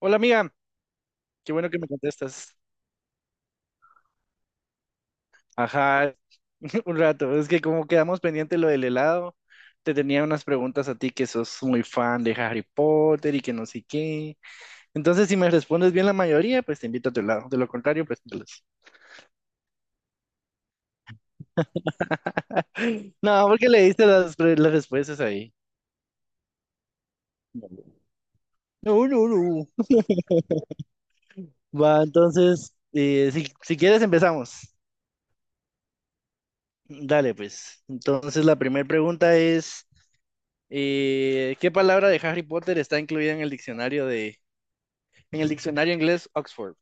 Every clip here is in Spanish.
Hola amiga, qué bueno que me contestas. Ajá, un rato. Es que como quedamos pendiente lo del helado, te tenía unas preguntas a ti que sos muy fan de Harry Potter y que no sé qué. Entonces, si me respondes bien la mayoría, pues te invito a tu helado. De lo contrario, pues no. No, porque le diste las respuestas ahí. No, no, no. Va, entonces, si quieres empezamos. Dale, pues. Entonces, la primera pregunta es... ¿qué palabra de Harry Potter está incluida en el diccionario inglés Oxford?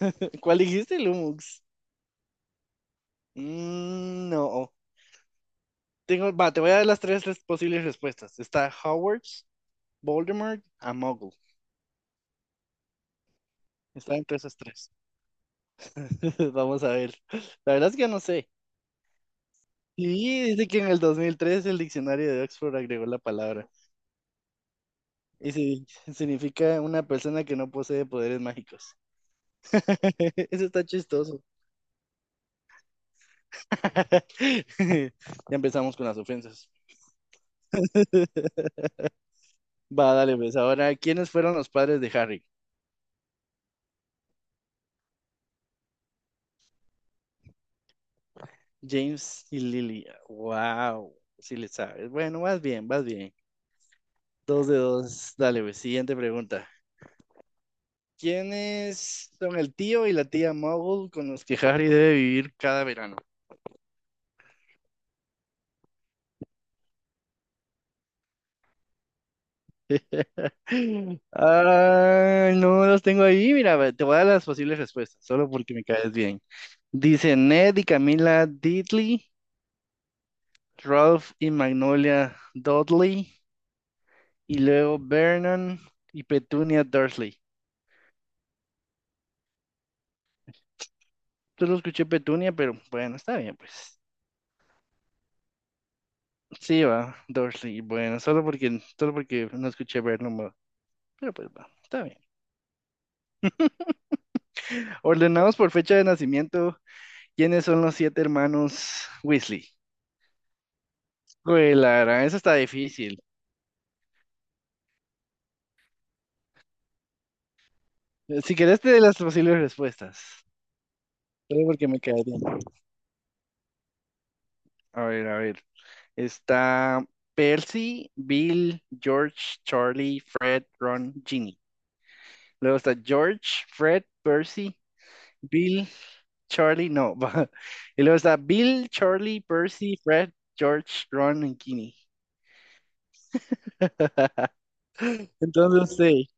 ¿Cuál dijiste, Lumux? Mm, no. Tengo, va, te voy a dar las tres posibles respuestas. Está Hogwarts, Voldemort, a Muggle. Está entre esas tres. Vamos a ver. La verdad es que no sé. Sí, dice que en el 2003 el diccionario de Oxford agregó la palabra. Y sí, significa una persona que no posee poderes mágicos. Eso está chistoso. Ya empezamos con las ofensas. Va, dale, pues. Ahora, ¿quiénes fueron los padres de Harry? James y Lily. Wow, sí le sabes. Bueno, vas bien, vas bien. Dos de dos. Dale, pues. Siguiente pregunta. ¿Quiénes son el tío y la tía Muggle con los que Harry debe vivir cada verano? Ah, no los tengo ahí. Mira, ve, te voy a dar las posibles respuestas, solo porque me caes bien. Dice Ned y Camila Diddley, Ralph y Magnolia Dudley, y luego Vernon y Petunia Dursley. Yo lo escuché Petunia, pero bueno, está bien, pues. Sí, va, Dursley, bueno, solo porque no escuché Vernon, va, pero pues va, está bien. Ordenados por fecha de nacimiento, ¿quiénes son los siete hermanos Weasley? Güey, la verdad, eso está difícil. Si querés, te doy las posibles respuestas, solo porque me quedé bien. A ver, a ver. Está Percy, Bill, George, Charlie, Fred, Ron, Ginny. Luego está George, Fred, Percy, Bill, Charlie, no. Va. Y luego está Bill, Charlie, Percy, Fred, George, Ron y Ginny. Entonces, sí.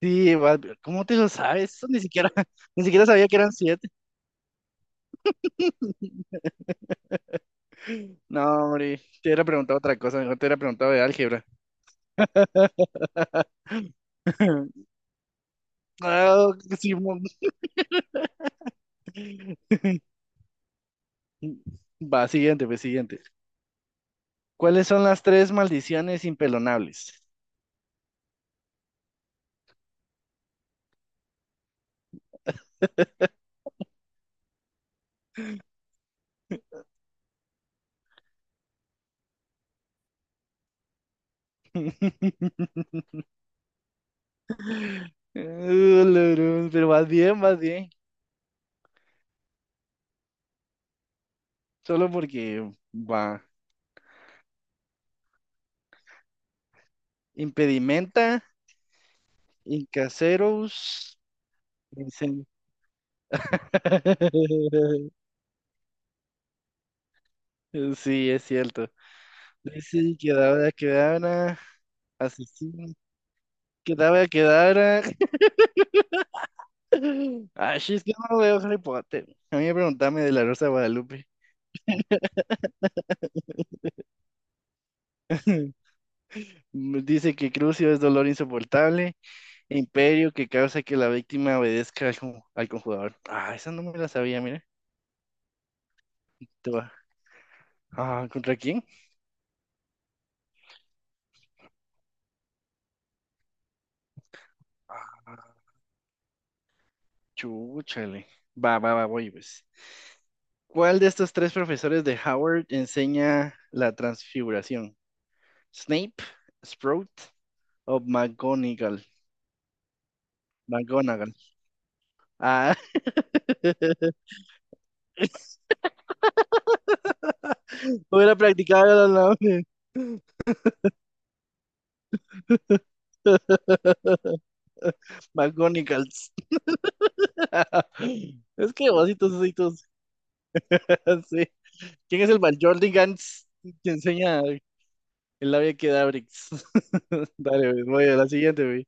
Sí, ¿cómo te lo sabes? Eso ni siquiera, ni siquiera sabía que eran siete. No, hombre, te hubiera preguntado otra cosa, mejor te hubiera preguntado de álgebra. Ah, Simón. Va, siguiente, pues siguiente. ¿Cuáles son las tres maldiciones impelonables? Lorón, pero vas bien, vas bien. Solo porque va. Impedimenta, incaseros, incen- Sí, es cierto. Sí, quedaba, quedaba, asesino, quedaba, quedaba. Ay, es que no veo Harry Potter. A mí me preguntame de la Rosa de Guadalupe. Dice que Crucio es dolor insoportable, e Imperio que causa que la víctima obedezca al conjurador. Ah, esa no me la sabía, mira. Te va. Ah, ¿contra quién? Ah, chúchale. Va, va, va, voy pues. ¿Cuál de estos tres profesores de Howard enseña la transfiguración? ¿Snape, Sprout o McGonagall? McGonagall. Ah, hubiera practicado los nombres. McGonigals. Es que ositos, ositos. Sí. ¿Quién es el Gans que enseña el labia Quedabrix? Dale, güey, voy a la siguiente, güey.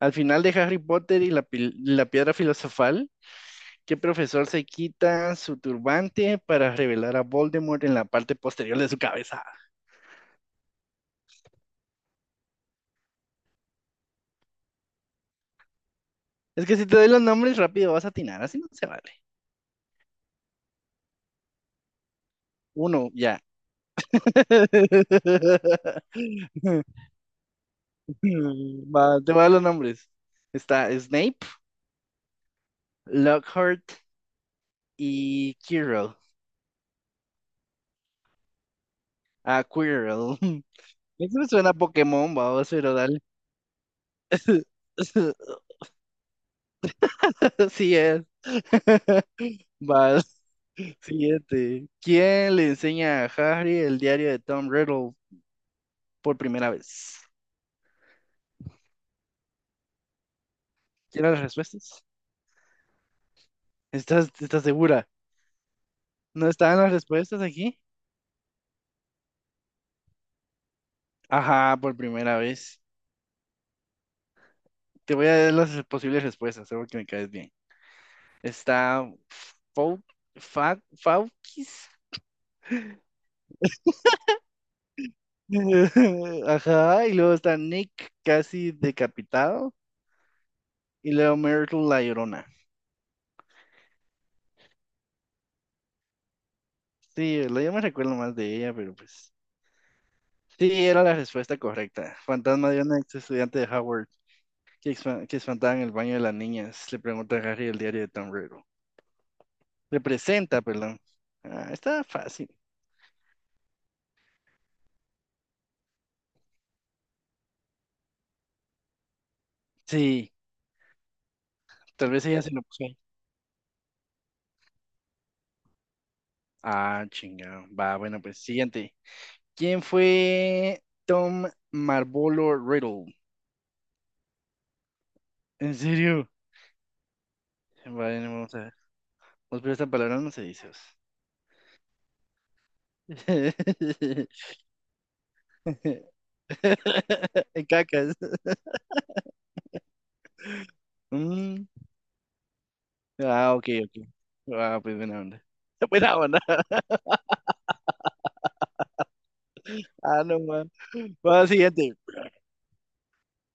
Al final de Harry Potter y la piedra filosofal, ¿qué profesor se quita su turbante para revelar a Voldemort en la parte posterior de su cabeza? Es que si te doy los nombres rápido vas a atinar, así no se vale. Uno, ya. Va, te voy a dar los nombres. Está Snape, Lockhart y Quirrell. Ah, Quirrell. Eso me suena a Pokémon, va pero dale. Sí es. Va, siguiente. ¿Quién le enseña a Harry el diario de Tom Riddle por primera vez? ¿Quieren las respuestas? ¿Estás segura? ¿No están las respuestas aquí? Ajá, por primera vez. Te voy a dar las posibles respuestas, seguro que me caes bien. Está Fau, Faukis. Ajá, y luego está Nick casi decapitado. Y luego Myrtle la Llorona. Sí, yo me recuerdo más de ella, pero pues. Sí, era la respuesta correcta. Fantasma de una ex estudiante de Howard que espantaba en el baño de las niñas. Le pregunta a Harry el diario de Tom Riddle. Le presenta, perdón. Ah, está fácil. Sí, tal vez ella se lo puso ahí. Ah, chingado. Va, bueno, pues siguiente. ¿Quién fue Tom Marvolo Riddle? ¿En serio? Vale, no, vamos a ver. Vamos a ver, esta palabra no se dice. Cacas. Mm, ah, ok, ok. Ah, pues buena onda. Buena onda. Ah, no, man. Vamos al siguiente.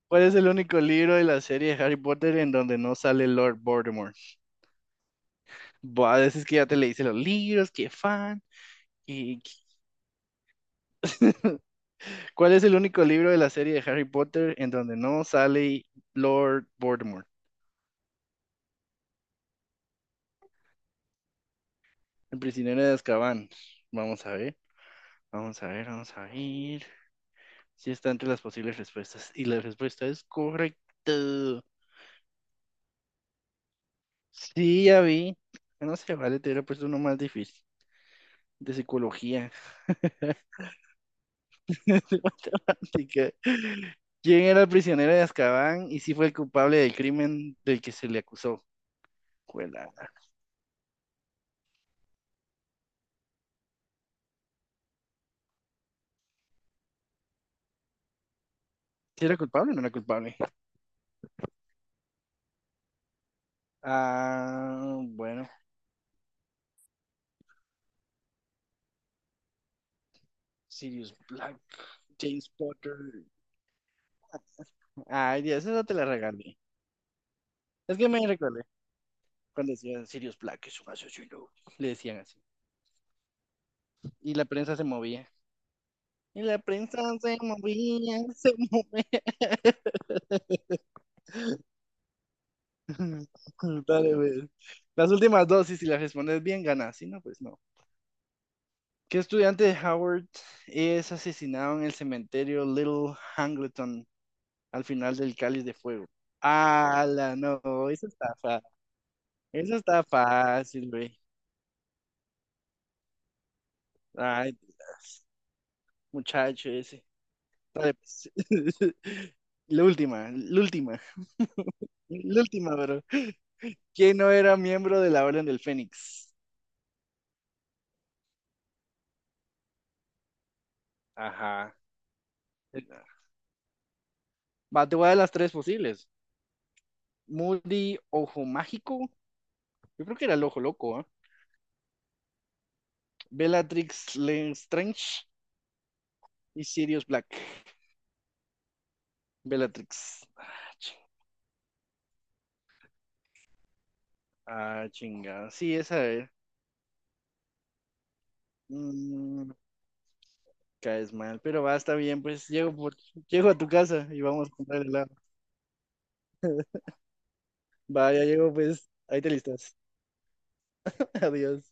¿Cuál es el único libro de la serie de Harry Potter en donde no sale Lord Voldemort? Buah, a veces que ya te leíste los libros, qué fan. Y. ¿Cuál es el único libro de la serie de Harry Potter en donde no sale Lord Voldemort? El prisionero de Azkaban. Vamos a ver, vamos a ver, vamos a ver. Si está entre las posibles respuestas. Y la respuesta es correcta. Sí, ya vi. No sé, vale, te hubiera puesto uno más difícil. De psicología. De matemática. ¿Quién era el prisionero de Azkaban y si fue el culpable del crimen del que se le acusó? Cuela. ¿Si era culpable o no era culpable? Ah, bueno, Sirius Black, James Potter. Ay, Dios, esa te la regalé. Es que me recordé cuando decían Sirius Black es un asesino. Le decían así. Y la prensa se movía. Y la prensa se movía, se movía. Dale, pues. Las últimas dos, y si las respondes bien, ganas. Si no, pues no. ¿Qué estudiante de Howard es asesinado en el cementerio Little Hangleton al final del cáliz de fuego? La no, eso está fácil. Eso está fácil, güey. Ay, Dios. Muchacho ese. Dale, pues. La última, la última, pero ¿quién no era miembro de la Orden del Fénix? Ajá. Va, te voy a dar las tres posibles. Moody Ojo Mágico. Yo creo que era el Ojo Loco, ¿ah? Bellatrix Lestrange y Sirius Black. Bellatrix. Ah, chingada. Sí, esa es. Mm, caes mal, pero va, está bien, pues llego a tu casa y vamos a comprar helado. Va, ya llego, pues, ahí te listas. Adiós.